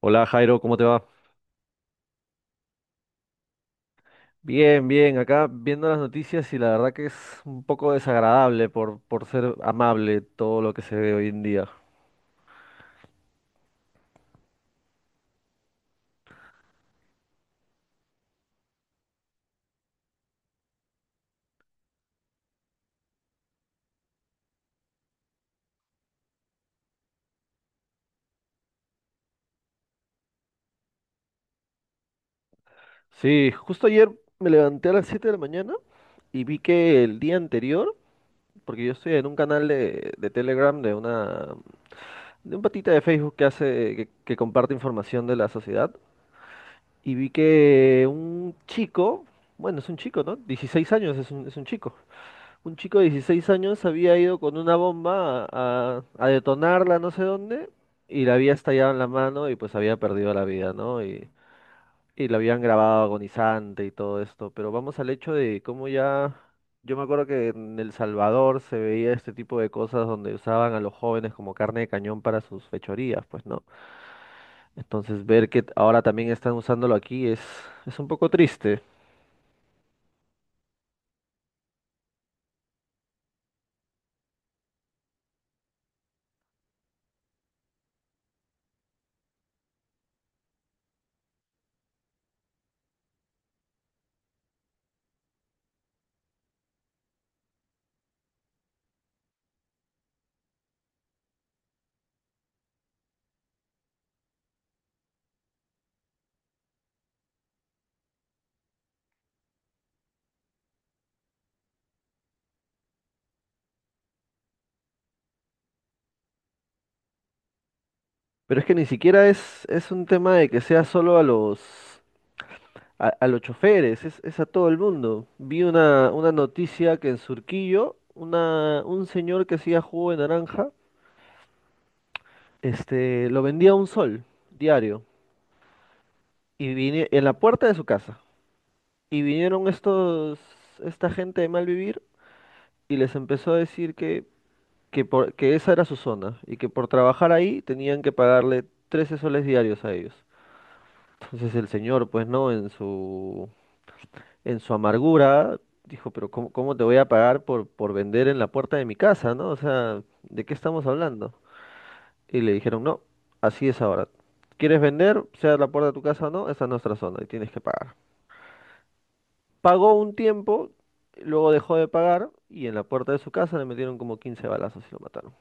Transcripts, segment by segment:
Hola Jairo, ¿cómo te va? Bien, bien, acá viendo las noticias y la verdad que es un poco desagradable por ser amable todo lo que se ve hoy en día. Sí, justo ayer me levanté a las 7 de la mañana y vi que el día anterior, porque yo estoy en un canal de Telegram de una de un patita de Facebook que hace que comparte información de la sociedad y vi que un chico, bueno, es un chico, ¿no? 16 años es un chico. Un chico de 16 años había ido con una bomba a detonarla no sé dónde y la había estallado en la mano y pues había perdido la vida, ¿no? Y la habían grabado agonizante y todo esto. Pero vamos al hecho de cómo ya... Yo me acuerdo que en El Salvador se veía este tipo de cosas donde usaban a los jóvenes como carne de cañón para sus fechorías, pues, ¿no? Entonces ver que ahora también están usándolo aquí es un poco triste. Pero es que ni siquiera es un tema de que sea solo a los a los choferes, es a todo el mundo. Vi una noticia que en Surquillo, una, un señor que hacía jugo de naranja, este, lo vendía a un sol diario y vine, en la puerta de su casa. Y vinieron estos, esta gente de mal vivir y les empezó a decir que esa era su zona y que por trabajar ahí tenían que pagarle 13 soles diarios a ellos. Entonces el señor, pues no, en su amargura, dijo, pero ¿cómo, cómo te voy a pagar por vender en la puerta de mi casa, ¿no? O sea, ¿de qué estamos hablando? Y le dijeron, no, así es ahora. ¿Quieres vender, sea la puerta de tu casa o no? Esa es nuestra zona y tienes que pagar. Pagó un tiempo, luego dejó de pagar y en la puerta de su casa le metieron como 15 balazos y lo mataron.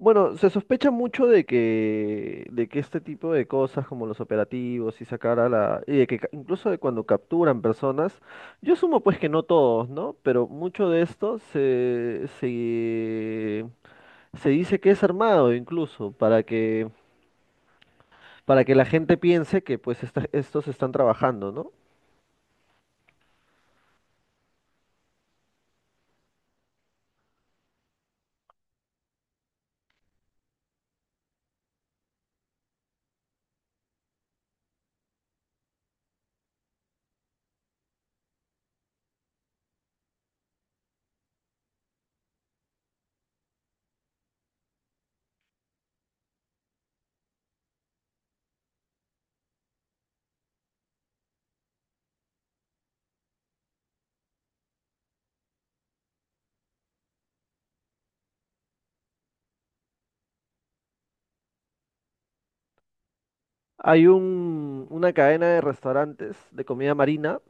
Bueno, se sospecha mucho de que este tipo de cosas como los operativos y sacar a la... y de que incluso de cuando capturan personas, yo sumo pues que no todos, ¿no? Pero mucho de esto se dice que es armado incluso para que la gente piense que pues estos están trabajando, ¿no? Hay una cadena de restaurantes de comida marina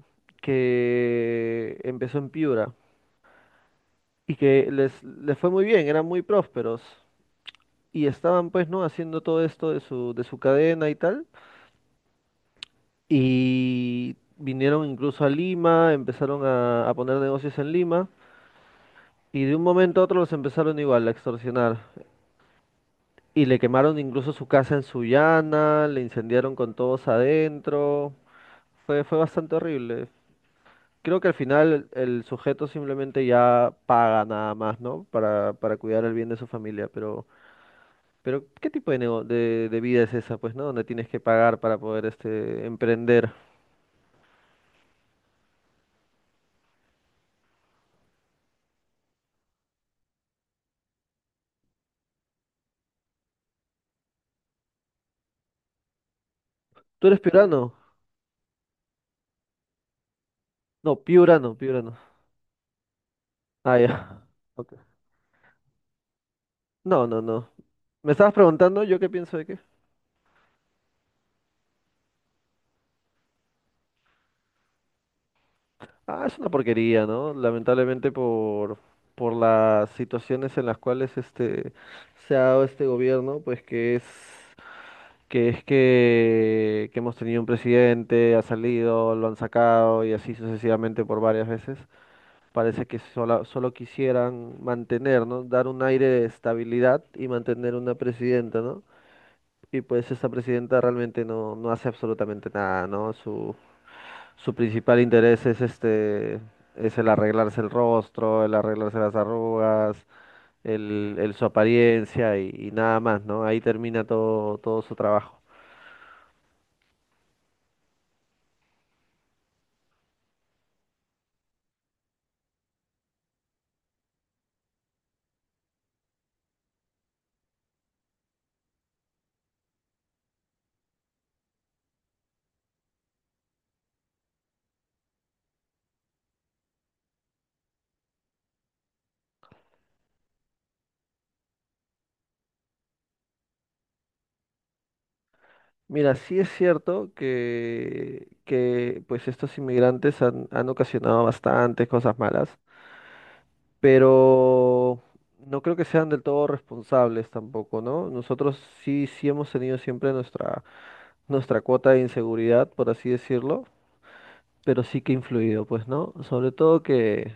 que empezó en Piura y que les fue muy bien, eran muy prósperos. Y estaban pues, ¿no? Haciendo todo esto de su cadena y tal. Y vinieron incluso a Lima, empezaron a poner negocios en Lima. Y de un momento a otro los empezaron igual a extorsionar. Y le quemaron incluso su casa en Sullana, le incendiaron con todos adentro. Fue, fue bastante horrible. Creo que al final el sujeto simplemente ya paga nada más, ¿no? Para cuidar el bien de su familia, pero... Pero, ¿qué tipo de, de vida es esa, pues, ¿no? Donde tienes que pagar para poder este, emprender. ¿Tú eres piurano? No, piurano, piurano. Ah, ya. Ok. No, no, no. ¿Me estabas preguntando yo qué pienso de qué? Ah, es una porquería, ¿no? Lamentablemente por las situaciones en las cuales este, se ha dado este gobierno, pues que hemos tenido un presidente, ha salido, lo han sacado y así sucesivamente por varias veces. Parece que solo quisieran mantener, ¿no? Dar un aire de estabilidad y mantener una presidenta, ¿no? Y pues esa presidenta realmente no, no hace absolutamente nada, ¿no? Su principal interés es este, es el arreglarse el rostro, el arreglarse las arrugas, el su apariencia y nada más, ¿no? Ahí termina todo, todo su trabajo. Mira, sí es cierto que pues estos inmigrantes han ocasionado bastantes cosas malas, pero no creo que sean del todo responsables tampoco, ¿no? Nosotros sí, sí hemos tenido siempre nuestra, nuestra cuota de inseguridad, por así decirlo, pero sí que ha influido, pues, ¿no? Sobre todo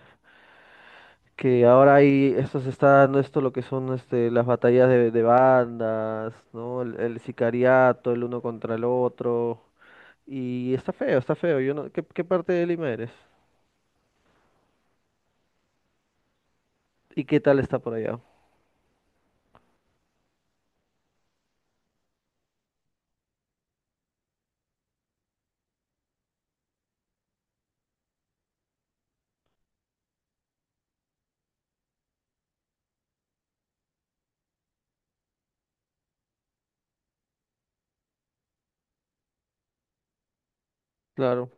que ahora hay, esto se está dando esto lo que son este, las batallas de bandas, ¿no? El sicariato, el uno contra el otro, y está feo, yo no, ¿qué, qué parte de Lima eres? ¿Y qué tal está por allá? Claro.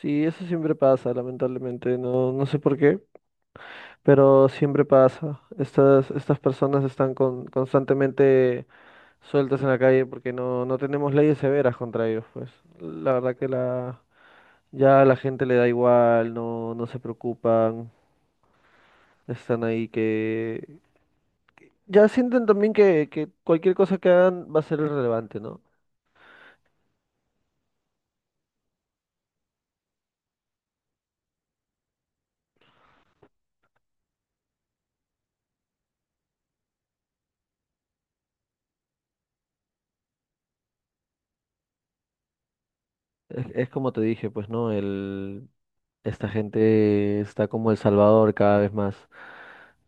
Sí, eso siempre pasa, lamentablemente. No, no sé por qué. Pero siempre pasa. Estas, estas personas están constantemente sueltas en la calle porque no, no tenemos leyes severas contra ellos, pues. La verdad que la, ya a la gente le da igual, no, no se preocupan, están ahí que... Ya sienten también que cualquier cosa que hagan va a ser irrelevante, ¿no? Es como te dije, pues, ¿no? El, esta gente está como El Salvador cada vez más,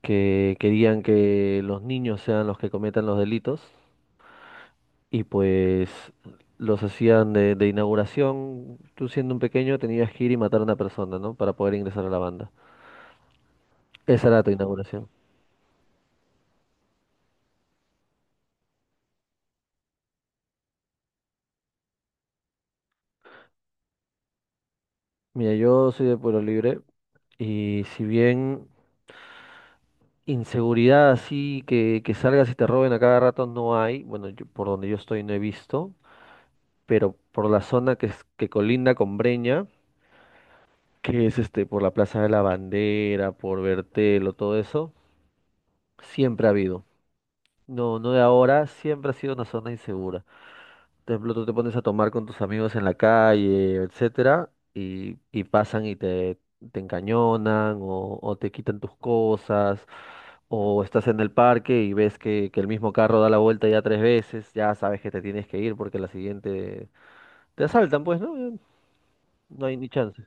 que querían que los niños sean los que cometan los delitos y pues los hacían de inauguración. Tú siendo un pequeño tenías que ir y matar a una persona, ¿no? Para poder ingresar a la banda. Esa era tu inauguración. Mira, yo soy de Pueblo Libre y si bien inseguridad así que salgas y te roben a cada rato no hay, bueno, por donde yo estoy no he visto, pero por la zona que colinda con Breña, que es este, por la Plaza de la Bandera, por Bertelo, todo eso, siempre ha habido. No, no de ahora, siempre ha sido una zona insegura. Por ejemplo, tú te pones a tomar con tus amigos en la calle, etcétera, y pasan y te encañonan o te quitan tus cosas, o estás en el parque y ves que el mismo carro da la vuelta ya tres veces, ya sabes que te tienes que ir porque la siguiente te asaltan, pues, ¿no? Ya no hay ni chance.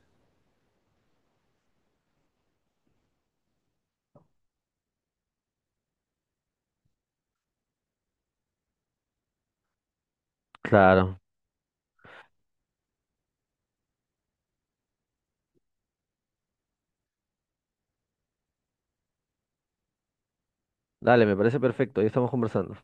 Claro. Dale, me parece perfecto, ahí estamos conversando.